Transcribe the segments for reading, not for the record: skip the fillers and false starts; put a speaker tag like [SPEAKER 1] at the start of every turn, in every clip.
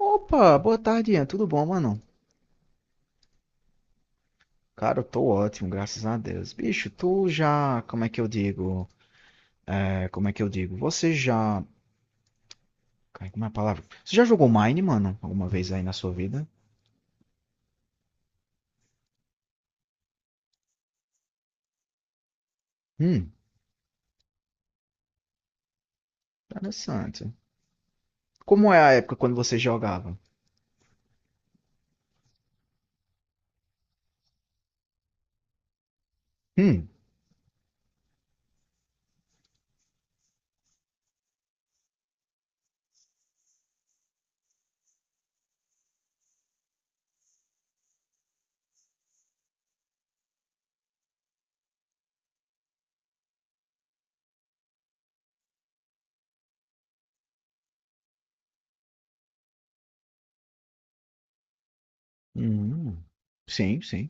[SPEAKER 1] Opa, boa tarde, Ian. Tudo bom, mano? Cara, eu tô ótimo, graças a Deus. Bicho, tu já. Como é que eu digo? Como é que eu digo? Você já. Cara, como é a palavra? Você já jogou Mine, mano? Alguma vez aí na sua vida? Hum, interessante. Como é a época quando você jogava? Hum, hum. Sim, sim.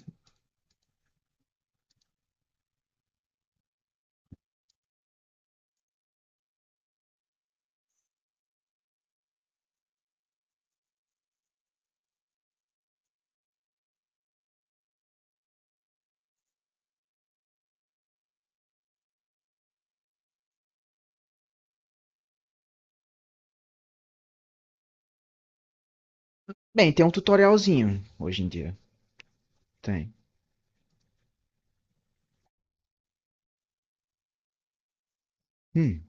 [SPEAKER 1] Bem, tem um tutorialzinho hoje em dia. Tem. Hum.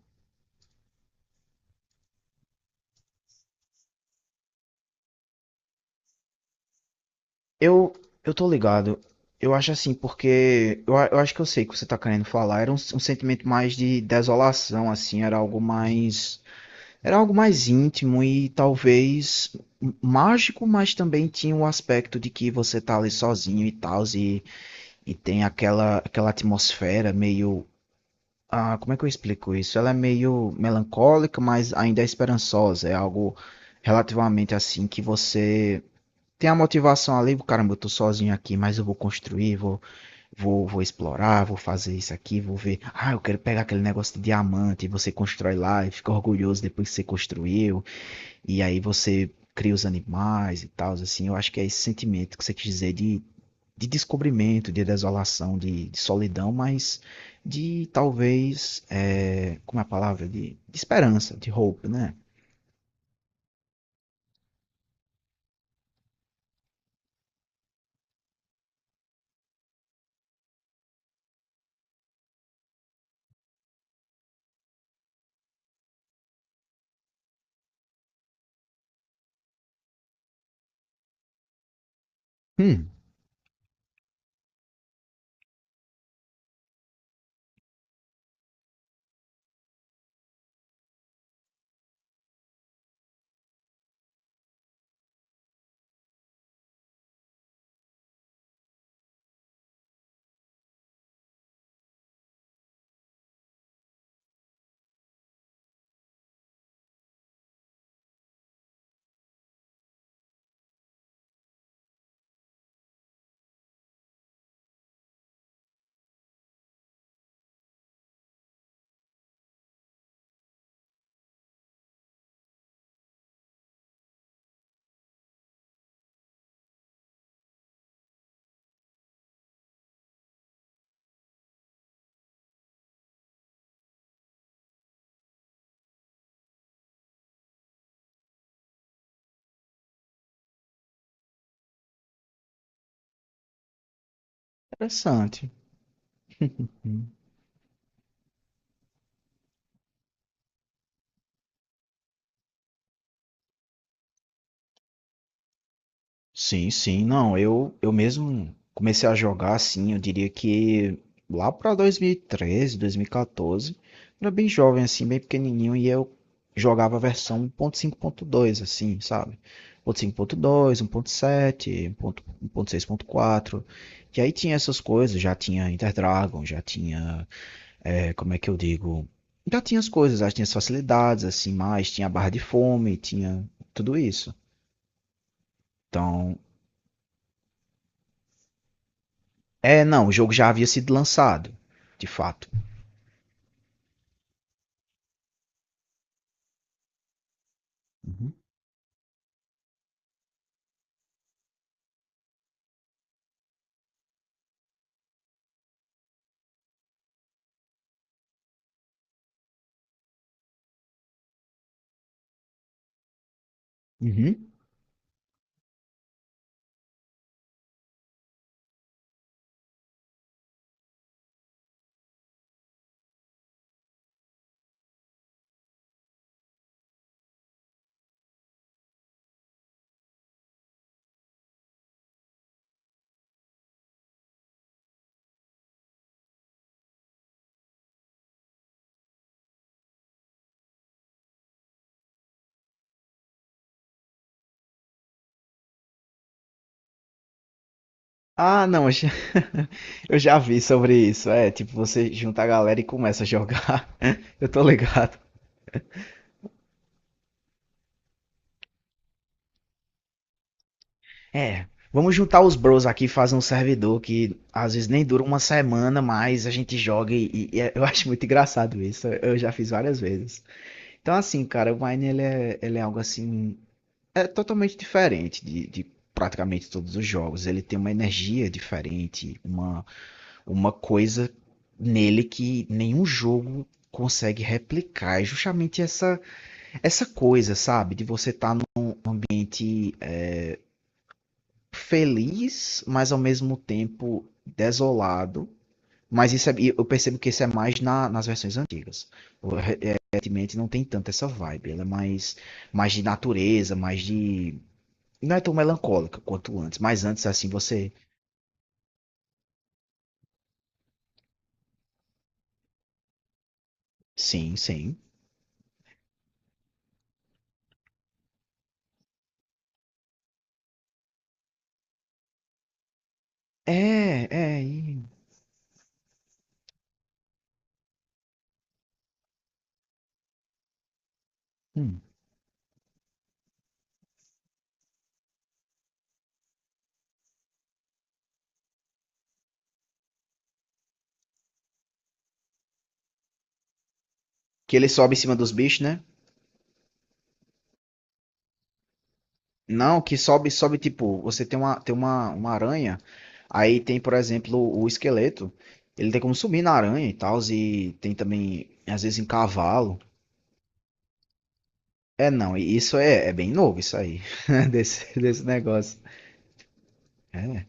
[SPEAKER 1] Eu, eu tô ligado. Eu acho assim, porque eu acho que eu sei o que você tá querendo falar. Era um sentimento mais de desolação, assim, era algo mais íntimo e talvez mágico, mas também tinha o aspecto de que você tá ali sozinho e tal, e tem aquela atmosfera meio, ah, como é que eu explico isso? Ela é meio melancólica, mas ainda é esperançosa. É algo relativamente assim que você tem a motivação ali, caramba, eu tô sozinho aqui, mas eu vou vou explorar, vou fazer isso aqui, vou ver. Ah, eu quero pegar aquele negócio de diamante, e você constrói lá e fica orgulhoso depois que você construiu, e aí você cria os animais e tal, assim. Eu acho que é esse sentimento que você quis dizer de descobrimento, de desolação, de solidão, mas de talvez, é, como é a palavra? De esperança, de hope, né? Hum, interessante. Sim, sim. Não, eu mesmo comecei a jogar assim, eu diria que lá para 2013, 2014, era bem jovem assim, bem pequenininho e eu jogava a versão 1.5.2 assim, sabe? 1.5.2, 1.7, 1.6.4. E aí tinha essas coisas, já tinha Interdragon, já tinha, é, como é que eu digo? Já tinha as coisas, já tinha as facilidades assim, mais tinha a barra de fome, tinha tudo isso. Então, é, não, o jogo já havia sido lançado, de fato. Uhum. Uhum. Ah, não, eu já, eu já vi sobre isso. É, tipo, você junta a galera e começa a jogar. Eu tô ligado. É, vamos juntar os bros aqui e fazer um servidor que às vezes nem dura uma semana, mas a gente joga eu acho muito engraçado isso. Eu já fiz várias vezes. Então, assim, cara, o Mine ele é algo assim, é totalmente diferente de praticamente todos os jogos. Ele tem uma energia diferente, uma coisa nele que nenhum jogo consegue replicar. É justamente essa coisa, sabe? De você estar feliz, mas ao mesmo tempo desolado. Mas isso eu percebo que isso é mais nas versões antigas. O- Recentemente não tem tanto essa vibe. Ela é mais, mais de natureza, mais de. Não é tão melancólica quanto antes. Mas antes, assim, você. Sim, sim. É, é. e- hum. Que ele sobe em cima dos bichos, né? Não, que sobe tipo, você tem uma aranha, aí tem, por exemplo, o esqueleto, ele tem como subir na aranha e tal, e tem também, às vezes, em cavalo. É, não, e isso é, é bem novo, isso aí, desse negócio. É.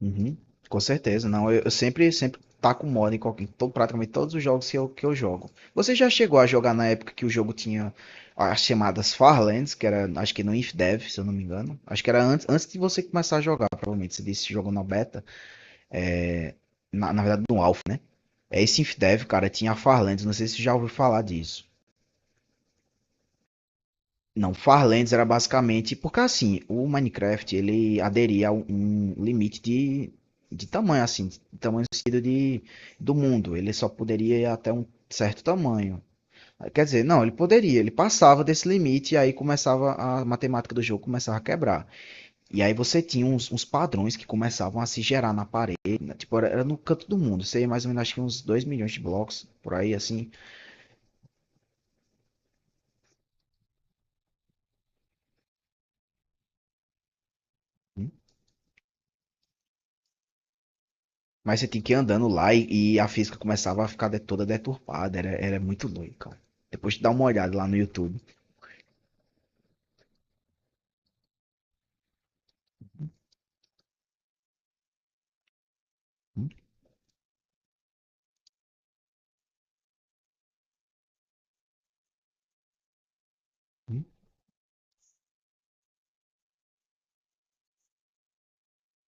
[SPEAKER 1] Uhum. Com certeza, não. Eu sempre taco moda em praticamente todos os jogos que eu jogo. Você já chegou a jogar na época que o jogo tinha as chamadas Farlands, que era, acho que no InfDev, se eu não me engano. Acho que era antes, antes de você começar a jogar, provavelmente. Você disse que jogou na beta, na verdade no Alpha, né? É esse InfDev, cara, tinha a Farlands, não sei se você já ouviu falar disso. Não, Farlands era basicamente, porque assim, o Minecraft, ele aderia a um um limite de tamanho, assim, de tamanho do mundo. Ele só poderia ir até um certo tamanho. Quer dizer, não, ele poderia, ele passava desse limite e aí começava a matemática do jogo começava a quebrar. E aí você tinha uns padrões que começavam a se gerar na parede, né? Tipo, era, no canto do mundo, sei mais ou menos, acho que uns 2 milhões de blocos, por aí assim. Mas você tinha que ir andando lá e a física começava a ficar toda deturpada, era, era muito doido, cara. Depois de dar uma olhada lá no YouTube.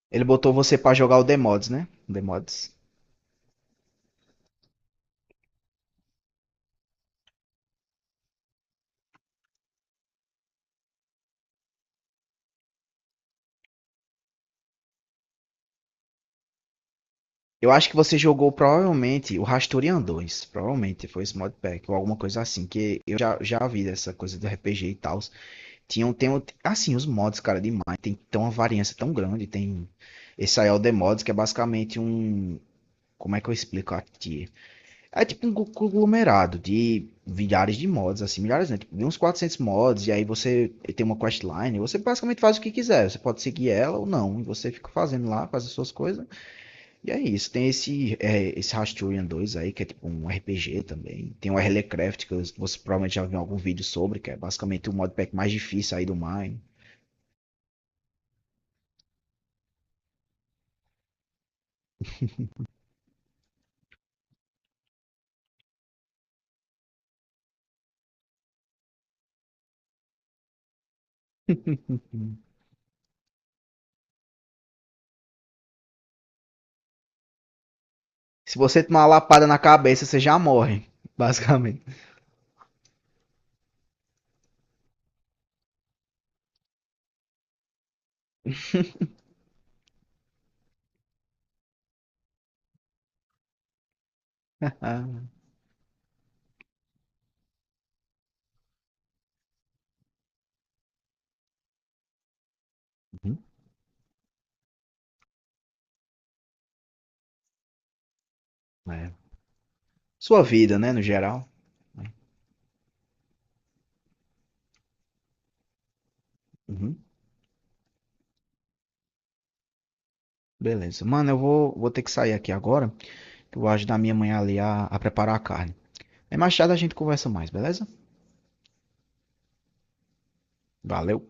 [SPEAKER 1] Ele botou você pra jogar o The Mods, né? The Mods. Eu acho que você jogou provavelmente o Rastorian 2. Provavelmente foi esse modpack ou alguma coisa assim. Que eu já vi dessa coisa do RPG e tal. Assim, os mods, cara, demais. Tem uma variância tão grande. Tem esse aí é o The Mods, que é basicamente um. Como é que eu explico aqui? É tipo um conglomerado de milhares de mods, assim, milhares, né? Tipo, de uns 400 mods, e aí você tem uma questline, e você basicamente faz o que quiser. Você pode seguir ela ou não, e você fica fazendo lá, faz as suas coisas. E é isso, tem esse, é, esse Rasturian 2 aí, que é tipo um RPG também. Tem o Herlecraft, você provavelmente já viu em algum vídeo sobre, que é basicamente o modpack mais difícil aí do Mine. Se você tomar uma lapada na cabeça, você já morre, basicamente. Uhum, é. Sua vida, né, no geral. Uhum, beleza. Mano, vou ter que sair aqui agora, que eu vou ajudar minha mãe ali a preparar a carne. Aí mais tarde a gente conversa mais, beleza? Valeu.